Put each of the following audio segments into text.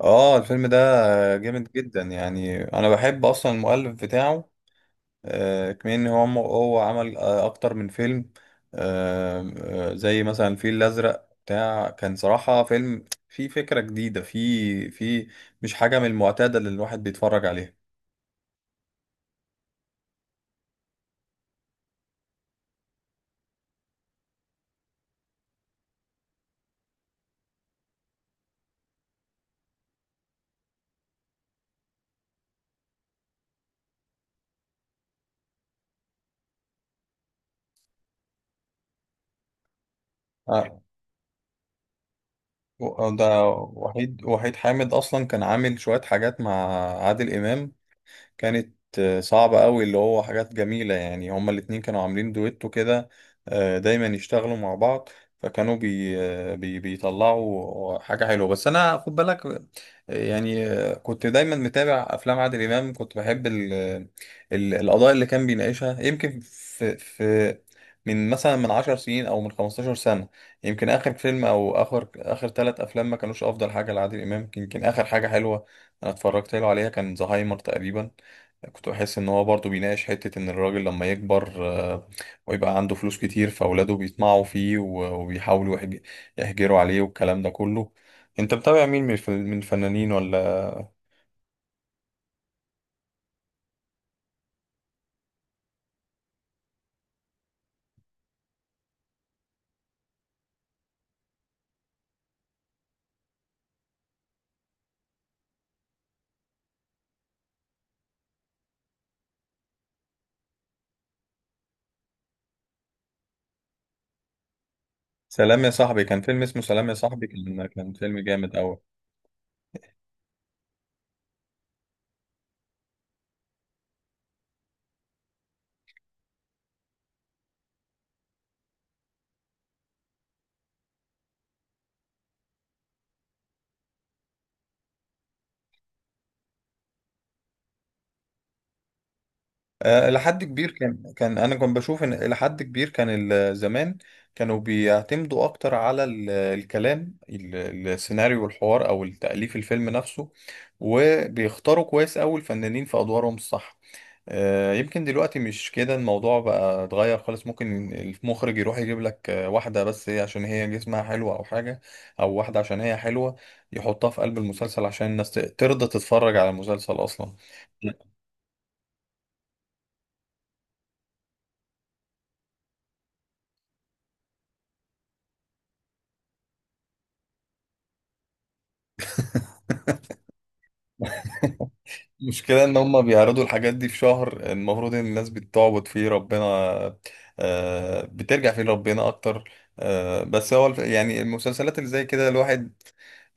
اه الفيلم ده جامد جدا. يعني انا بحب اصلا المؤلف بتاعه. كمان ان هو عمل اكتر من فيلم. آه، زي مثلا الفيل الازرق بتاع، كان صراحة فيلم فيه فكرة جديدة، فيه مش حاجة من المعتادة اللي الواحد بيتفرج عليها. آه، ده وحيد حامد اصلا كان عامل شوية حاجات مع عادل امام. كانت صعبة قوي، اللي هو حاجات جميلة يعني. هما الاتنين كانوا عاملين دويتو كده، دايما يشتغلوا مع بعض. فكانوا بي آه، بي بيطلعوا حاجة حلوة. بس أنا خد بالك كنت دايما متابع أفلام عادل إمام. كنت بحب ال القضايا اللي كان بيناقشها، يمكن في من مثلا من 10 سنين أو من 15 سنة. يمكن آخر فيلم أو آخر 3 أفلام ما كانوش أفضل حاجة لعادل إمام. يمكن آخر حاجة حلوة أنا اتفرجت له عليها كان زهايمر تقريبا. كنت بحس ان هو برضه بيناقش حتة ان الراجل لما يكبر ويبقى عنده فلوس كتير، فاولاده بيطمعوا فيه وبيحاولوا يحجروا عليه والكلام ده كله. انت متابع مين من الفنانين ولا؟ سلام يا صاحبي، كان فيلم اسمه سلام يا صاحبي، كان فيلم جامد قوي. إلى حد كبير كان أنا كنت بشوف إن إلى حد كبير كان زمان كانوا بيعتمدوا أكتر على الكلام، السيناريو والحوار أو التأليف الفيلم نفسه، وبيختاروا كويس أوي الفنانين في أدوارهم الصح. يمكن دلوقتي مش كده الموضوع، بقى اتغير خالص. ممكن المخرج يروح يجيب لك واحدة بس هي عشان هي جسمها حلو أو حاجة، أو واحدة عشان هي حلوة، يحطها في قلب المسلسل عشان الناس ترضى تتفرج على المسلسل أصلا. المشكلة إن هما بيعرضوا الحاجات دي في شهر المفروض إن الناس بتعبد فيه ربنا، بترجع فيه لربنا أكتر. بس هو يعني المسلسلات اللي زي كده، الواحد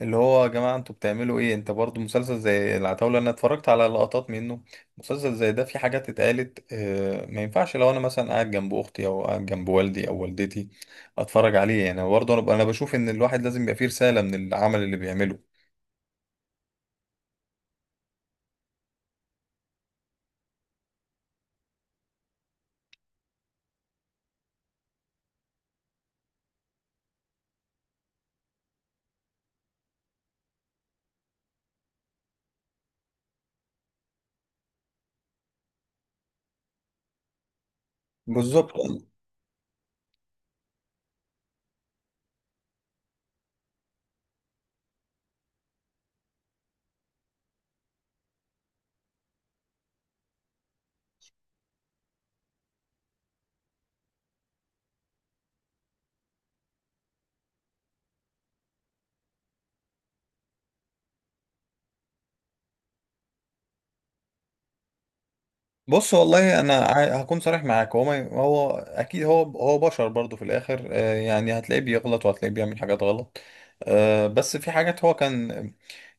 اللي هو، يا جماعة أنتوا بتعملوا إيه؟ أنت برضو مسلسل زي العتاولة أنا اتفرجت على لقطات منه. مسلسل زي ده في حاجات اتقالت ما ينفعش لو أنا مثلا قاعد جنب أختي أو قاعد جنب والدي أو والدتي أتفرج عليه. يعني برضه أنا بشوف إن الواحد لازم يبقى فيه رسالة من العمل اللي بيعمله. بالظبط. بص والله، انا هكون صريح معاك. هو ما هو اكيد هو، هو بشر برضه في الاخر، يعني هتلاقيه بيغلط وهتلاقيه بيعمل حاجات غلط. بس في حاجات هو كان،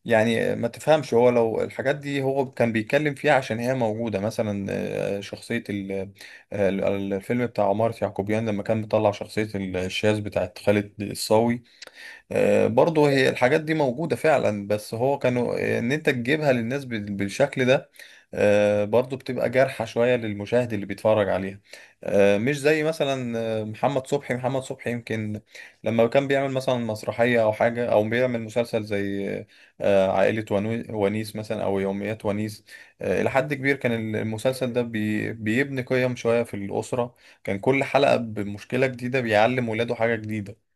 يعني ما تفهمش، هو لو الحاجات دي هو كان بيتكلم فيها عشان هي موجودة مثلا. شخصية الفيلم بتاع عمارة يعقوبيان، لما كان مطلع شخصية الشاذ بتاعت خالد الصاوي. برضه هي الحاجات دي موجودة فعلا، بس هو كانوا ان انت تجيبها للناس بالشكل ده، برضه بتبقى جارحة شوية للمشاهد اللي بيتفرج عليها. مش زي مثلا محمد صبحي. يمكن لما كان بيعمل مثلا مسرحية او حاجة، او بيعمل مسلسل زي عائلة ونيس مثلا، او يوميات ونيس. الى حد كبير كان المسلسل ده بيبني قيم شوية في الأسرة. كان كل حلقة بمشكلة جديدة بيعلم ولاده حاجة جديدة.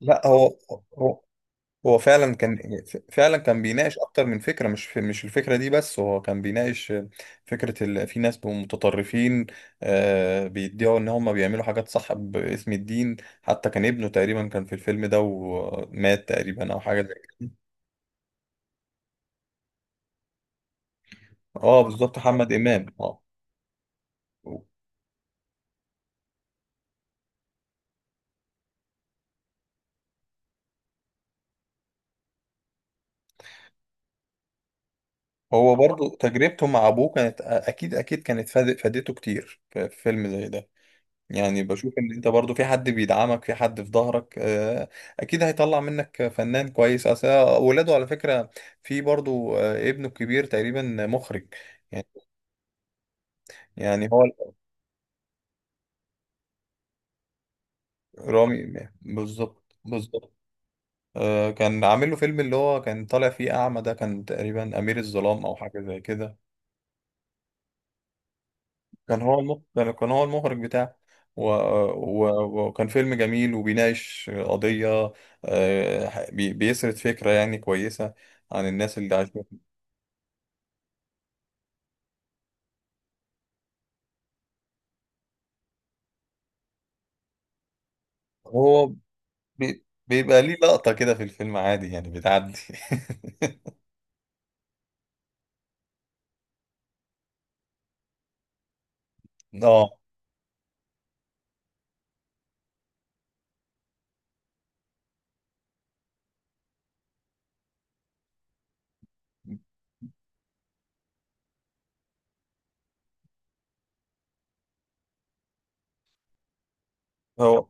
لا هو، هو هو فعلا كان، بيناقش اكتر من فكره. مش في، مش الفكره دي بس، هو كان بيناقش فكره في ناس بيبقوا متطرفين، آه، بيدعوا ان هم بيعملوا حاجات صح باسم الدين. حتى كان ابنه تقريبا كان في الفيلم ده ومات تقريبا او حاجه زي كده. اه بالظبط، محمد امام، اه. هو برضو تجربته مع ابوه كانت اكيد اكيد كانت فادته كتير في في فيلم زي ده. يعني بشوف ان انت برضو في حد بيدعمك، في حد في ظهرك، اكيد هيطلع منك فنان كويس. اصل اولاده على فكرة، في برضو ابنه الكبير تقريبا مخرج يعني. يعني هو رامي، بالظبط بالظبط. كان عامل له فيلم اللي هو كان طالع فيه اعمى، ده كان تقريبا امير الظلام او حاجة زي كده. كان هو المخرج، كان هو المخرج بتاعه. وكان فيلم جميل وبيناقش قضية، بيسرد فكرة يعني كويسة عن الناس اللي عايشين. هو بيبقى ليه لقطة كده في الفيلم عادي يعني بتعدي. اه، هو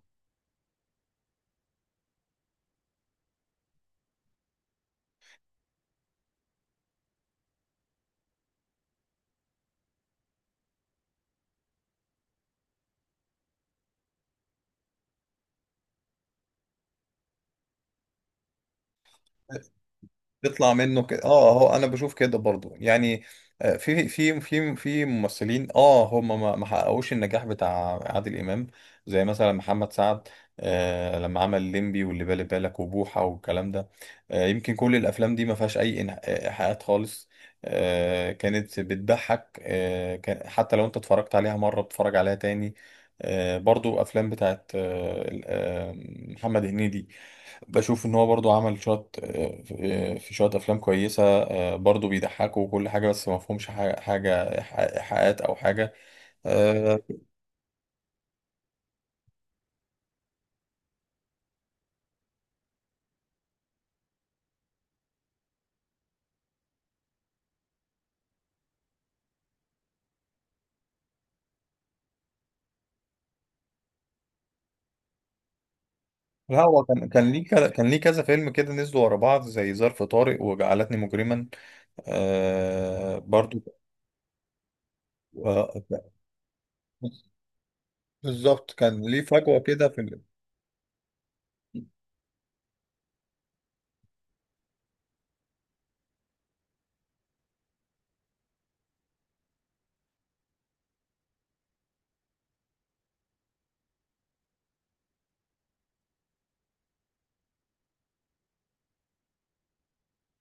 بيطلع منه كده. اه هو انا بشوف كده برضو يعني. في في ممثلين، اه، هم ما حققوش النجاح بتاع عادل امام، زي مثلا محمد سعد، آه لما عمل الليمبي واللي بالي بالك وبوحه والكلام ده. آه يمكن كل الافلام دي ما فيهاش اي ايحاءات خالص. آه، كانت بتضحك، آه كان حتى لو انت اتفرجت عليها مره بتتفرج عليها تاني. آه برضو افلام بتاعت محمد هنيدي. بشوف ان هو برضو عمل شوية في شوية افلام كويسة، برضو بيضحكوا وكل حاجة، بس ما فيهمش حاجة ايحاءات او حاجة. آه، لا هو كان ليه كذا، كان ليه كذا فيلم كده نزلوا ورا بعض، زي ظرف طارق وجعلتني مجرما برضو آه، بالظبط. كان ليه فجوة كده في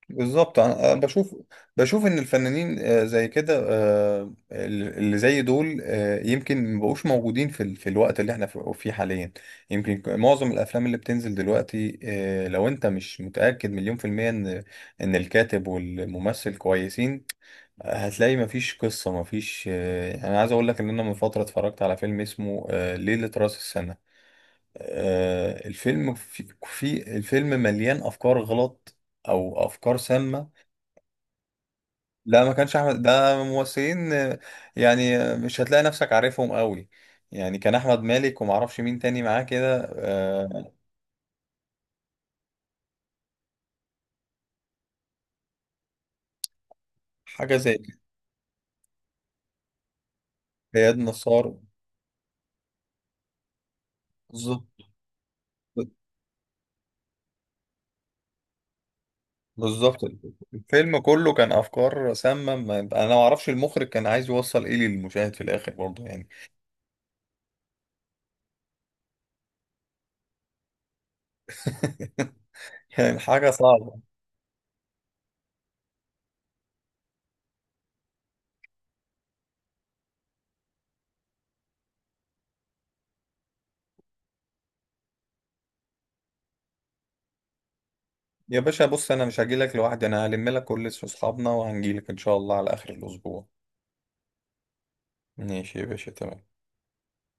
بالظبط. أنا بشوف، بشوف ان الفنانين زي كده، اللي زي دول، يمكن مبقوش موجودين في في الوقت اللي احنا فيه حاليا. يمكن معظم الافلام اللي بتنزل دلوقتي، لو انت مش متاكد مليون في الميه ان الكاتب والممثل كويسين، هتلاقي مفيش قصه مفيش. انا عايز اقول لك ان انا من فتره اتفرجت على فيلم اسمه ليله راس السنه. الفيلم في الفيلم مليان افكار غلط او افكار سامه. لا ما كانش احمد، ده ممثلين يعني مش هتلاقي نفسك عارفهم قوي. يعني كان احمد مالك وما اعرفش مين تاني معاه كده، حاجه زي اياد نصار. بالظبط بالظبط. الفيلم كله كان افكار سامه. انا ما اعرفش المخرج كان عايز يوصل ايه للمشاهد في الاخر برضه يعني. يعني حاجه صعبه. يا باشا بص، انا مش هجيلك لوحدي، انا هلم لك كل اصحابنا وهنجيلك ان شاء الله على اخر الاسبوع. ماشي يا باشا، تمام.